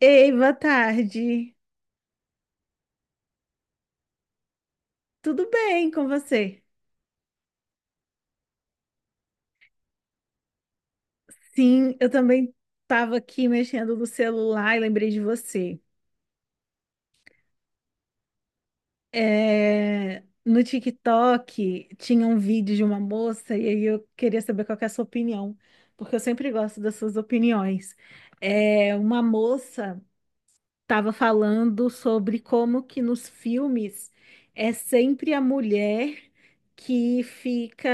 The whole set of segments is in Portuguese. Ei, boa tarde. Tudo bem com você? Sim, eu também estava aqui mexendo no celular e lembrei de você. É, no TikTok tinha um vídeo de uma moça e aí eu queria saber qual que é a sua opinião, porque eu sempre gosto das suas opiniões. É, uma moça estava falando sobre como que nos filmes é sempre a mulher que fica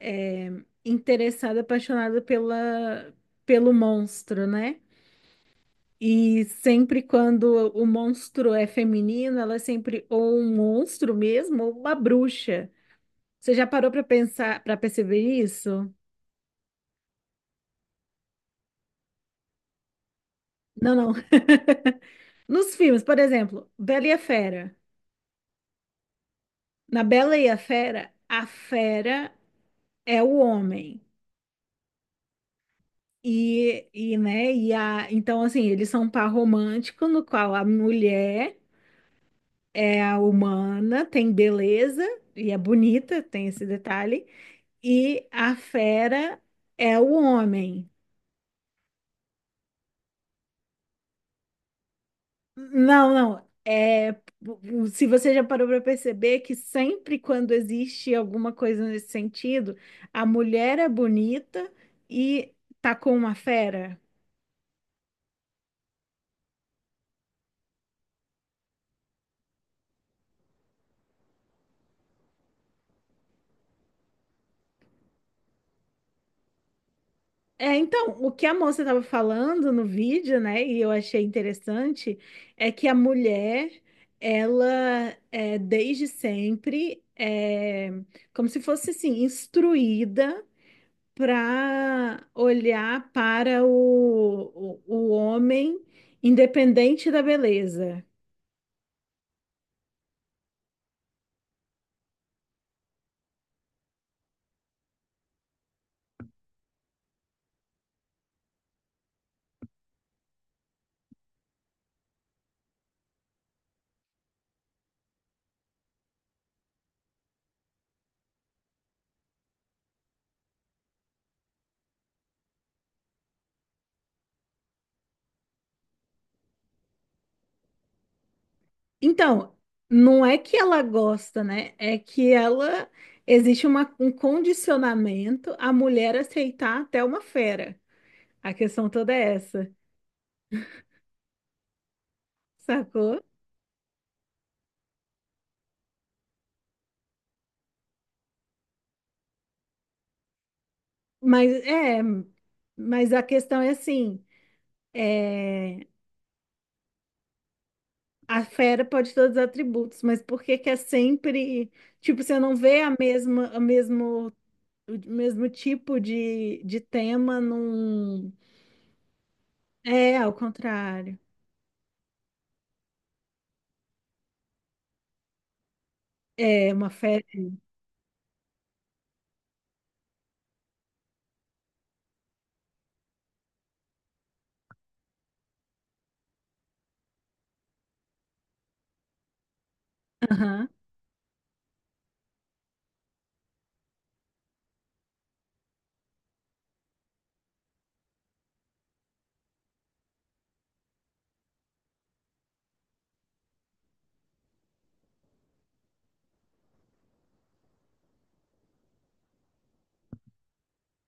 é, interessada, apaixonada pelo monstro, né? E sempre quando o monstro é feminino, ela é sempre ou um monstro mesmo, ou uma bruxa. Você já parou para pensar, para perceber isso? Não, não. Nos filmes, por exemplo, Bela e a Fera. Na Bela e a fera é o homem. Né, então, assim, eles são um par romântico no qual a mulher é a humana, tem beleza e é bonita, tem esse detalhe, e a fera é o homem. Não, não, é, se você já parou para perceber que sempre quando existe alguma coisa nesse sentido, a mulher é bonita e tá com uma fera. É, então, o que a moça estava falando no vídeo, né, e eu achei interessante, é que a mulher, ela é desde sempre é como se fosse assim, instruída para olhar para o homem independente da beleza. Então, não é que ela gosta, né? É que ela existe um condicionamento à mulher aceitar até uma fera. A questão toda é essa, sacou? Mas é, mas a questão é assim, é, a fera pode ter todos os atributos, mas por que que é sempre, tipo, você não vê a mesma, a mesmo, o mesmo tipo de tema num, é, ao contrário. É uma fera. Aham.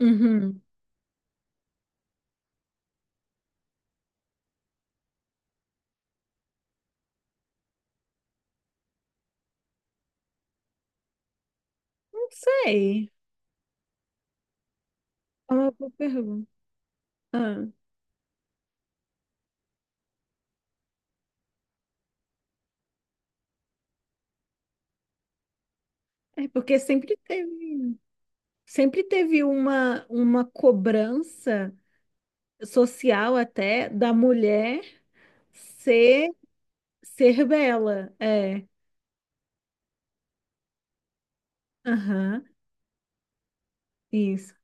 Uhum. Não sei. É uma boa pergunta. Ah, é porque sempre teve uma cobrança social até da mulher ser ser bela. É. Aham. Isso.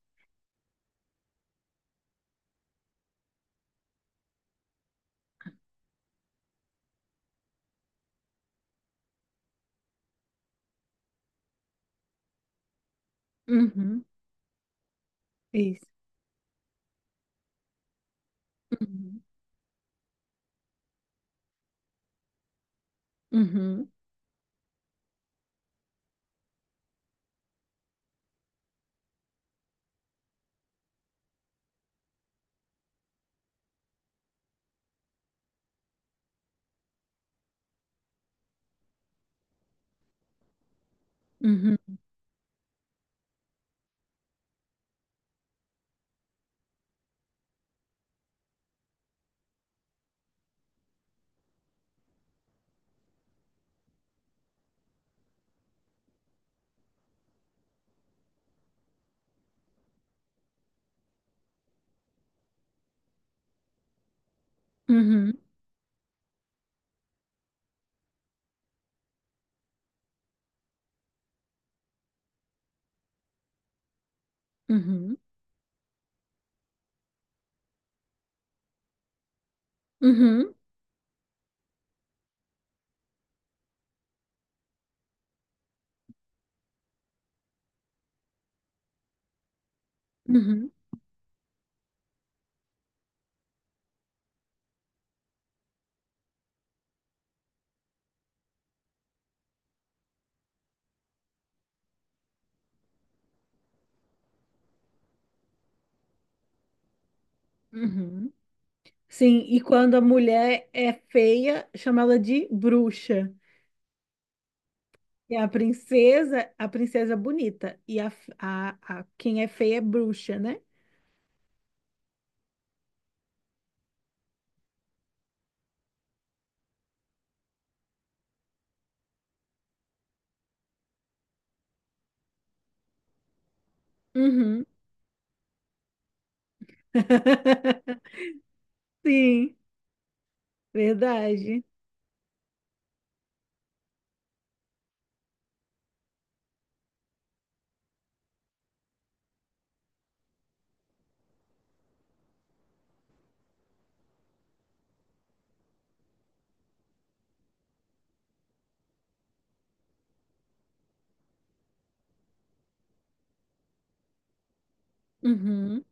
Uhum. Isso. Uhum. Uhum. Uhum. Uhum. Uhum. Uhum. Uhum. Uhum. Sim, e quando a mulher é feia, chama ela de bruxa. E a princesa é bonita. Quem é feia é bruxa, né? Uhum. Sim, verdade. Uhum.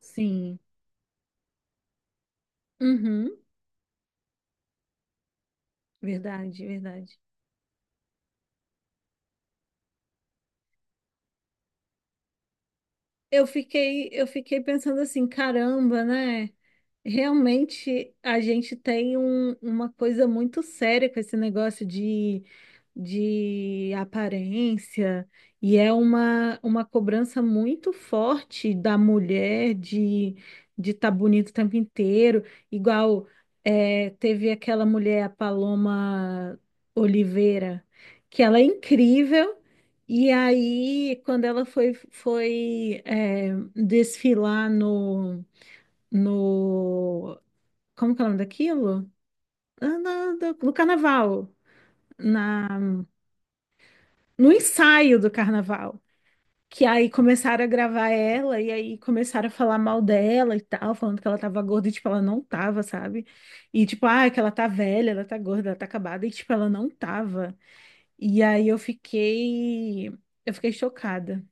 Sim. Uhum, verdade, verdade. Eu fiquei pensando assim, caramba, né? Realmente, a gente tem um- uma coisa muito séria com esse negócio de aparência, e é uma cobrança muito forte da mulher de estar bonito o tempo inteiro. Igual é, teve aquela mulher, a Paloma Oliveira, que ela é incrível, e aí, quando ela foi, foi é, desfilar no. No, como que é o nome daquilo? Ah, no carnaval. Na, no ensaio do carnaval. Que aí começaram a gravar ela e aí começaram a falar mal dela e tal, falando que ela tava gorda e, tipo, ela não tava, sabe? E, tipo, ah, que ela tá velha, ela tá gorda, ela tá acabada e, tipo, ela não tava. E aí eu fiquei. Eu fiquei chocada.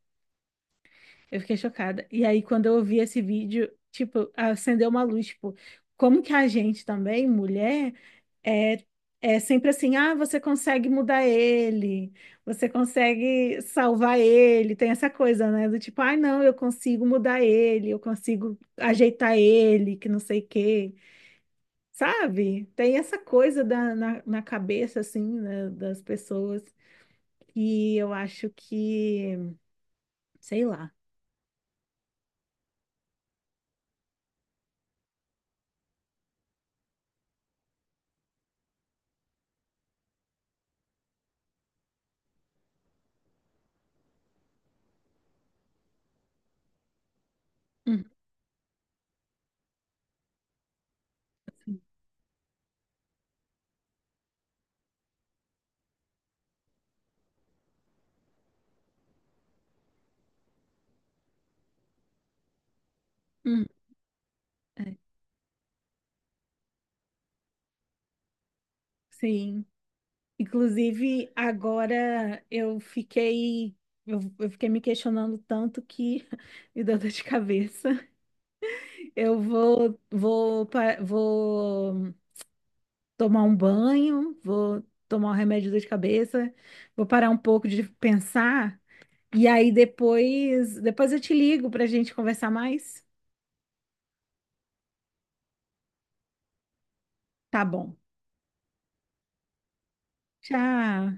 Eu fiquei chocada. E aí quando eu ouvi esse vídeo, tipo, acendeu uma luz, tipo, como que a gente também, mulher. É, é sempre assim, ah, você consegue mudar ele, você consegue salvar ele, tem essa coisa, né? Do tipo, ai, não, eu consigo mudar ele, eu consigo ajeitar ele, que não sei o quê, sabe? Tem essa coisa na cabeça, assim, né, das pessoas, que eu acho que, sei lá. Hum, hum, é, sim. Inclusive, agora eu fiquei, eu fiquei me questionando tanto que me deu dor de cabeça. Eu vou tomar um banho, vou tomar um remédio de dor de cabeça, vou parar um pouco de pensar e aí depois eu te ligo para a gente conversar mais. Tá bom. Tchau.